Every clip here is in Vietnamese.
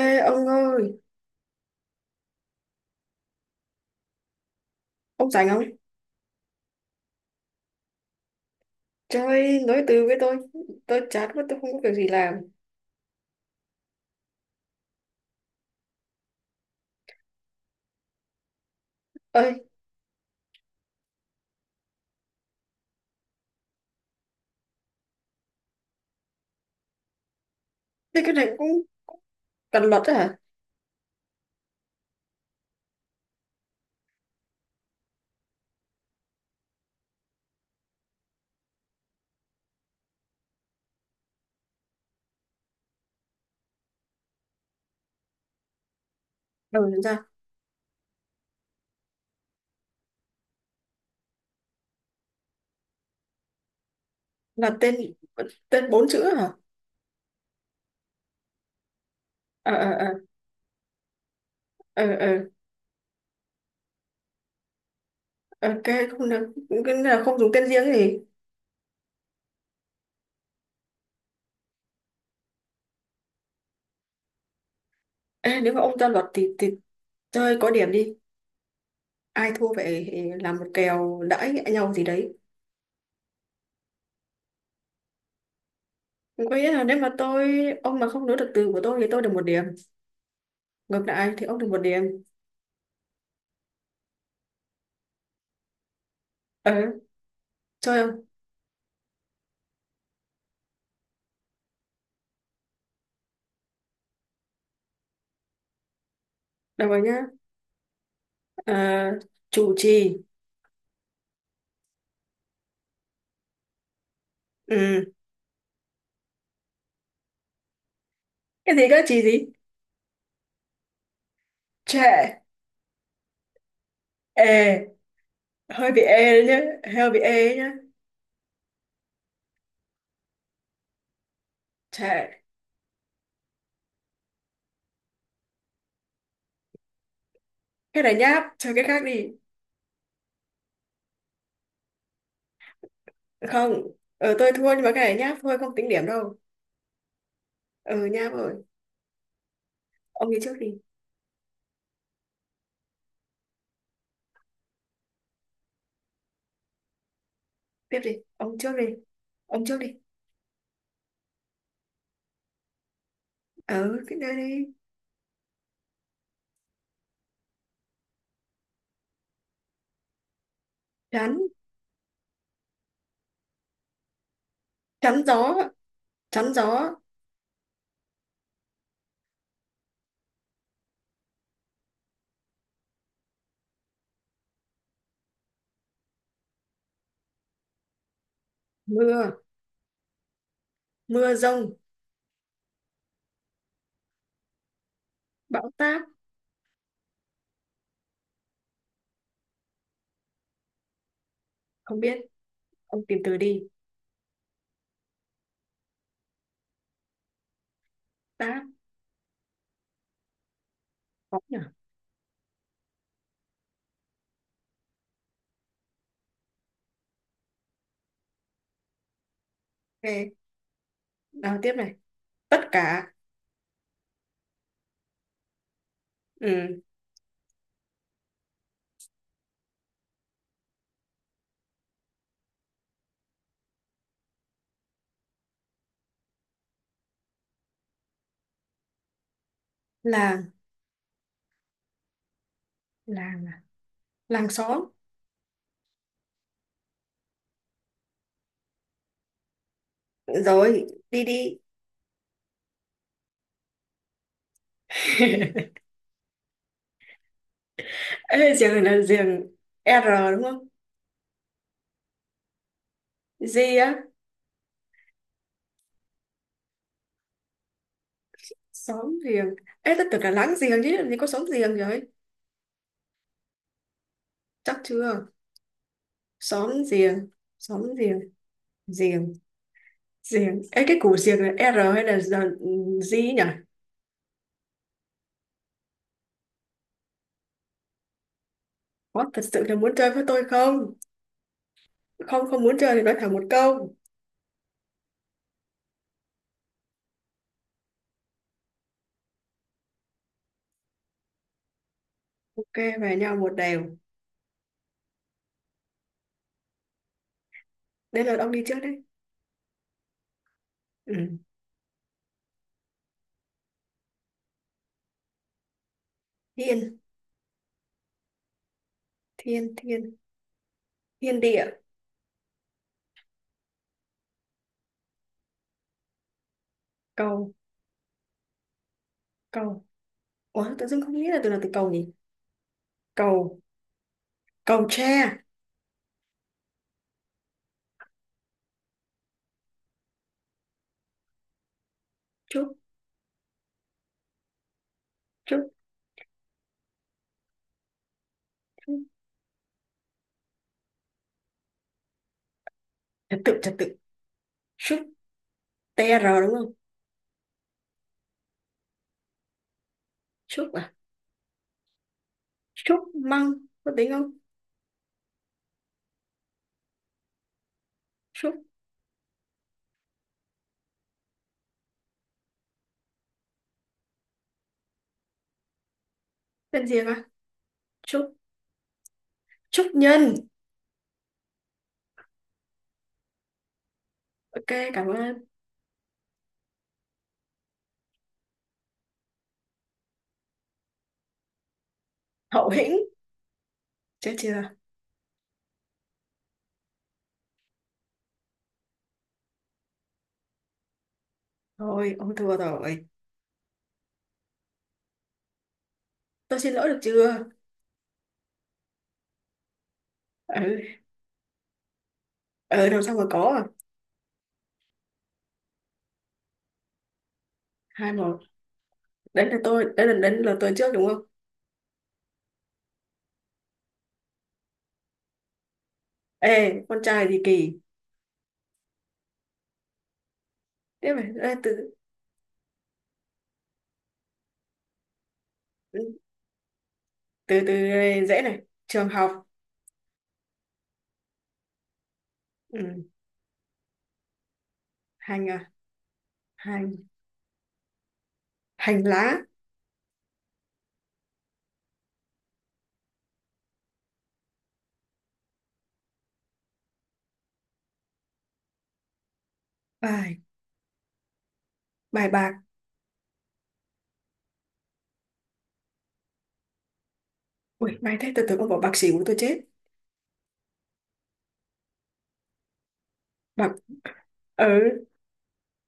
Ê ông ơi, ông rảnh không? Chơi nối từ với tôi chán quá tôi không có việc gì làm. Ơi, thế cái này cũng cần luật á hả? Ừ, làm sao? Là tên tên bốn chữ hả? Ờ ờ ờ ờ ờ ờ, ok. Không được, cái này là không dùng tên riêng gì. Ê, nếu mà ông ra luật thì chơi có điểm đi. Ai thua phải làm một kèo đãi nhau gì đấy. Có nghĩa là nếu mà tôi, ông mà không nối được từ của tôi thì tôi được một điểm. Ngược lại thì ông được một điểm. Ờ, Chơi không? Được rồi nhá. Ờ, Chủ trì. Ừ, cái gì cơ, chị gì? Trẻ. Ê, hơi bị ê đấy nhá, hơi bị ê đấy nhá. Trẻ. Cái này nháp, chơi cái khác đi. Không, tôi thua nhưng mà cái này nháp thôi, không tính điểm đâu. Ừ, nháp rồi. Ông đi trước đi. Tiếp đi, ông trước đi, ông trước đi. Ừ, cái này đi. Chắn chắn gió. Chắn gió. Mưa. Mưa rông. Bão táp. Không biết, ông tìm từ đi. Táp, khó nhỉ. Ok, nào tiếp này. Tất cả. Ừ. Làng. Làng à? Làng xóm. Rồi, đi đi. Ê, giường là giường R đúng không? G á. Xóm giềng. Ê, tất tưởng là láng giềng chứ làm gì có xóm giềng rồi. Chắc chưa? Xóm giềng, xóm giềng, giềng, giềng. Ê, cái củ giềng là R hay là ừ, G nhỉ? Có thật sự là muốn chơi với tôi không? Không, không muốn chơi thì nói thẳng một câu. Ok, về nhau một đều. Đây là ông đi trước đấy. Ừ. Thiên. Thiên thiên. Thiên địa. Cầu. Cầu. Ủa, tự dưng không nghĩ là từ nào từ cầu nhỉ. Cầu. Cầu tre. Trúc. Trúc. Trúc. Trật tự, trật tự. Trúc, tr, đúng không? Trúc à. Trúc măng, có tính không? Trúc. Tên gì mà? Trúc. Trúc nhân. Ok, cảm ơn. Hậu hĩnh, chết chưa. Thôi ông thua rồi. Tôi xin lỗi được chưa? Ừ, ừ, làm xong mà có à. Hai một. Đấy là tôi, đấy là đến là tôi trước đúng không? Ê, con trai gì kỳ. Tiếp này, ê từ. Ừ, từ từ dễ này, trường học. Ừ. Hành à? Hành. Hành lá. Ai, bài bạc. Ui may thế, tôi tưởng con bỏ bạc xỉu tôi chết. Bạc ở,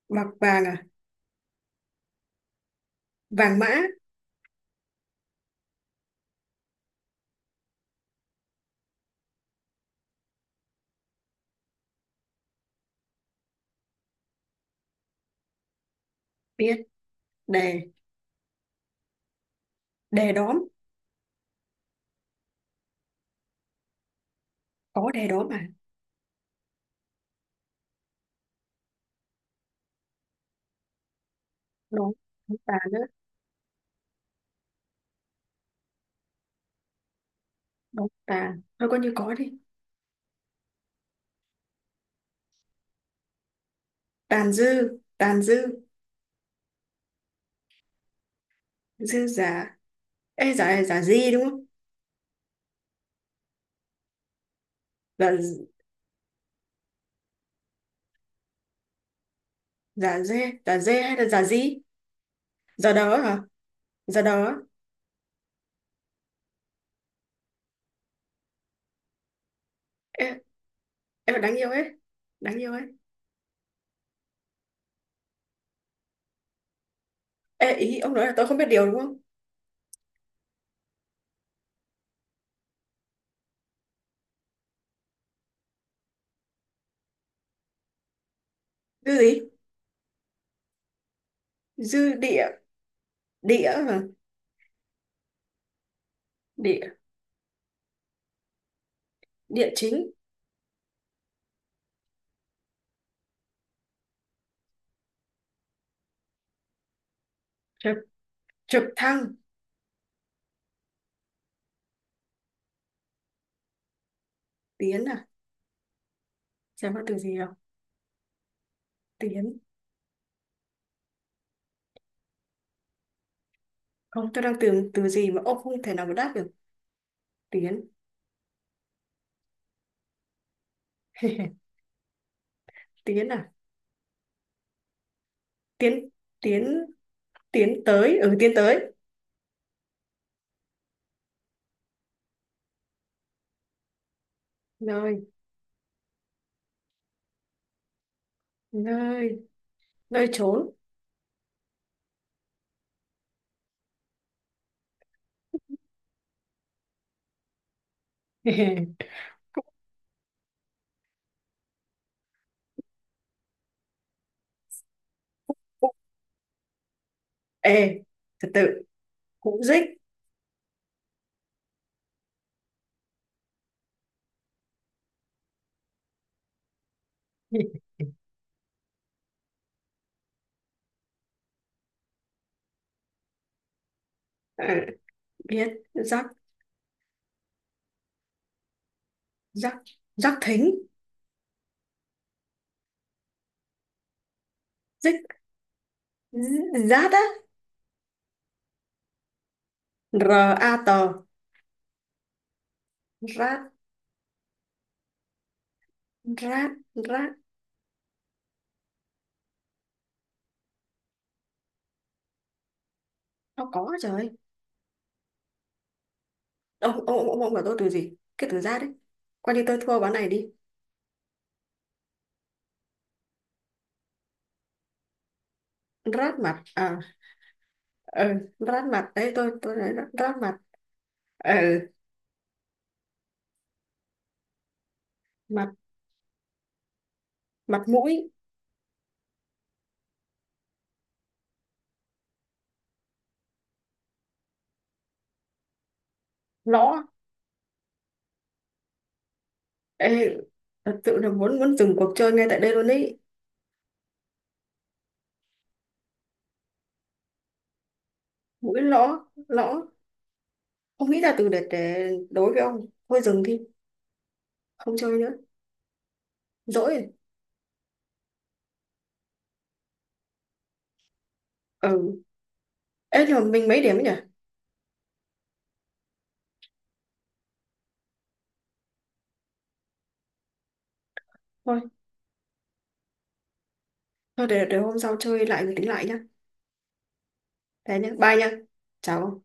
bạc vàng à? Vàng mã. Biết. Đề. Đề đóm. Có đề đóm à? Đóm. Đóm tàn nữa. Đóm tàn thôi coi như có đi. Tàn dư, tàn dư. Dư giả. Ê, giả giả gì đúng không? Giả. Giả dê, giả dê hay là giả gì? Giả đỡ hả? Giả đỡ. Ê, em là đáng yêu ấy. Đáng yêu ấy. Ê, ý ông nói là tôi không biết điều đúng không? Dư gì? Dư địa. Địa hả? Địa. Địa chính. Trời, trực thăng. Tiến à? Xem có từ gì không. Tiến. Không, tôi đang tưởng từ gì mà ông không thể nào mà đáp được. Tiến. Tiến à. Tiến. Tiến. Tiến tới. Ừ, tiến tới. Nơi. Nơi. Nơi trốn. Cụ- ê, thật tự, cụ dích. À, biết rắc. Rắc rắc thính. Dích. Rát á. R, a, t. Rát. Rát. Rát. Nó có trời. Ông bảo tôi từ gì cái từ rát đấy, coi như tôi thua ván này đi. Rát mặt à? Ừ, rát mặt đấy. Tôi nói rát, rát mặt. Ừ, mặt. Mặt mũi. Lõ. Ê, thật sự là muốn muốn dừng cuộc chơi ngay tại đây luôn ấy. Mũi lõ, lõ. Không nghĩ ra từ để đối với ông, thôi dừng đi. Không chơi nữa, dỗi rồi. Ừ. Ê, nhưng mà mình mấy điểm ấy nhỉ? Thôi, thôi để hôm sau chơi lại rồi tính lại nhá. Thế nhá, bye nhá. Chào ông.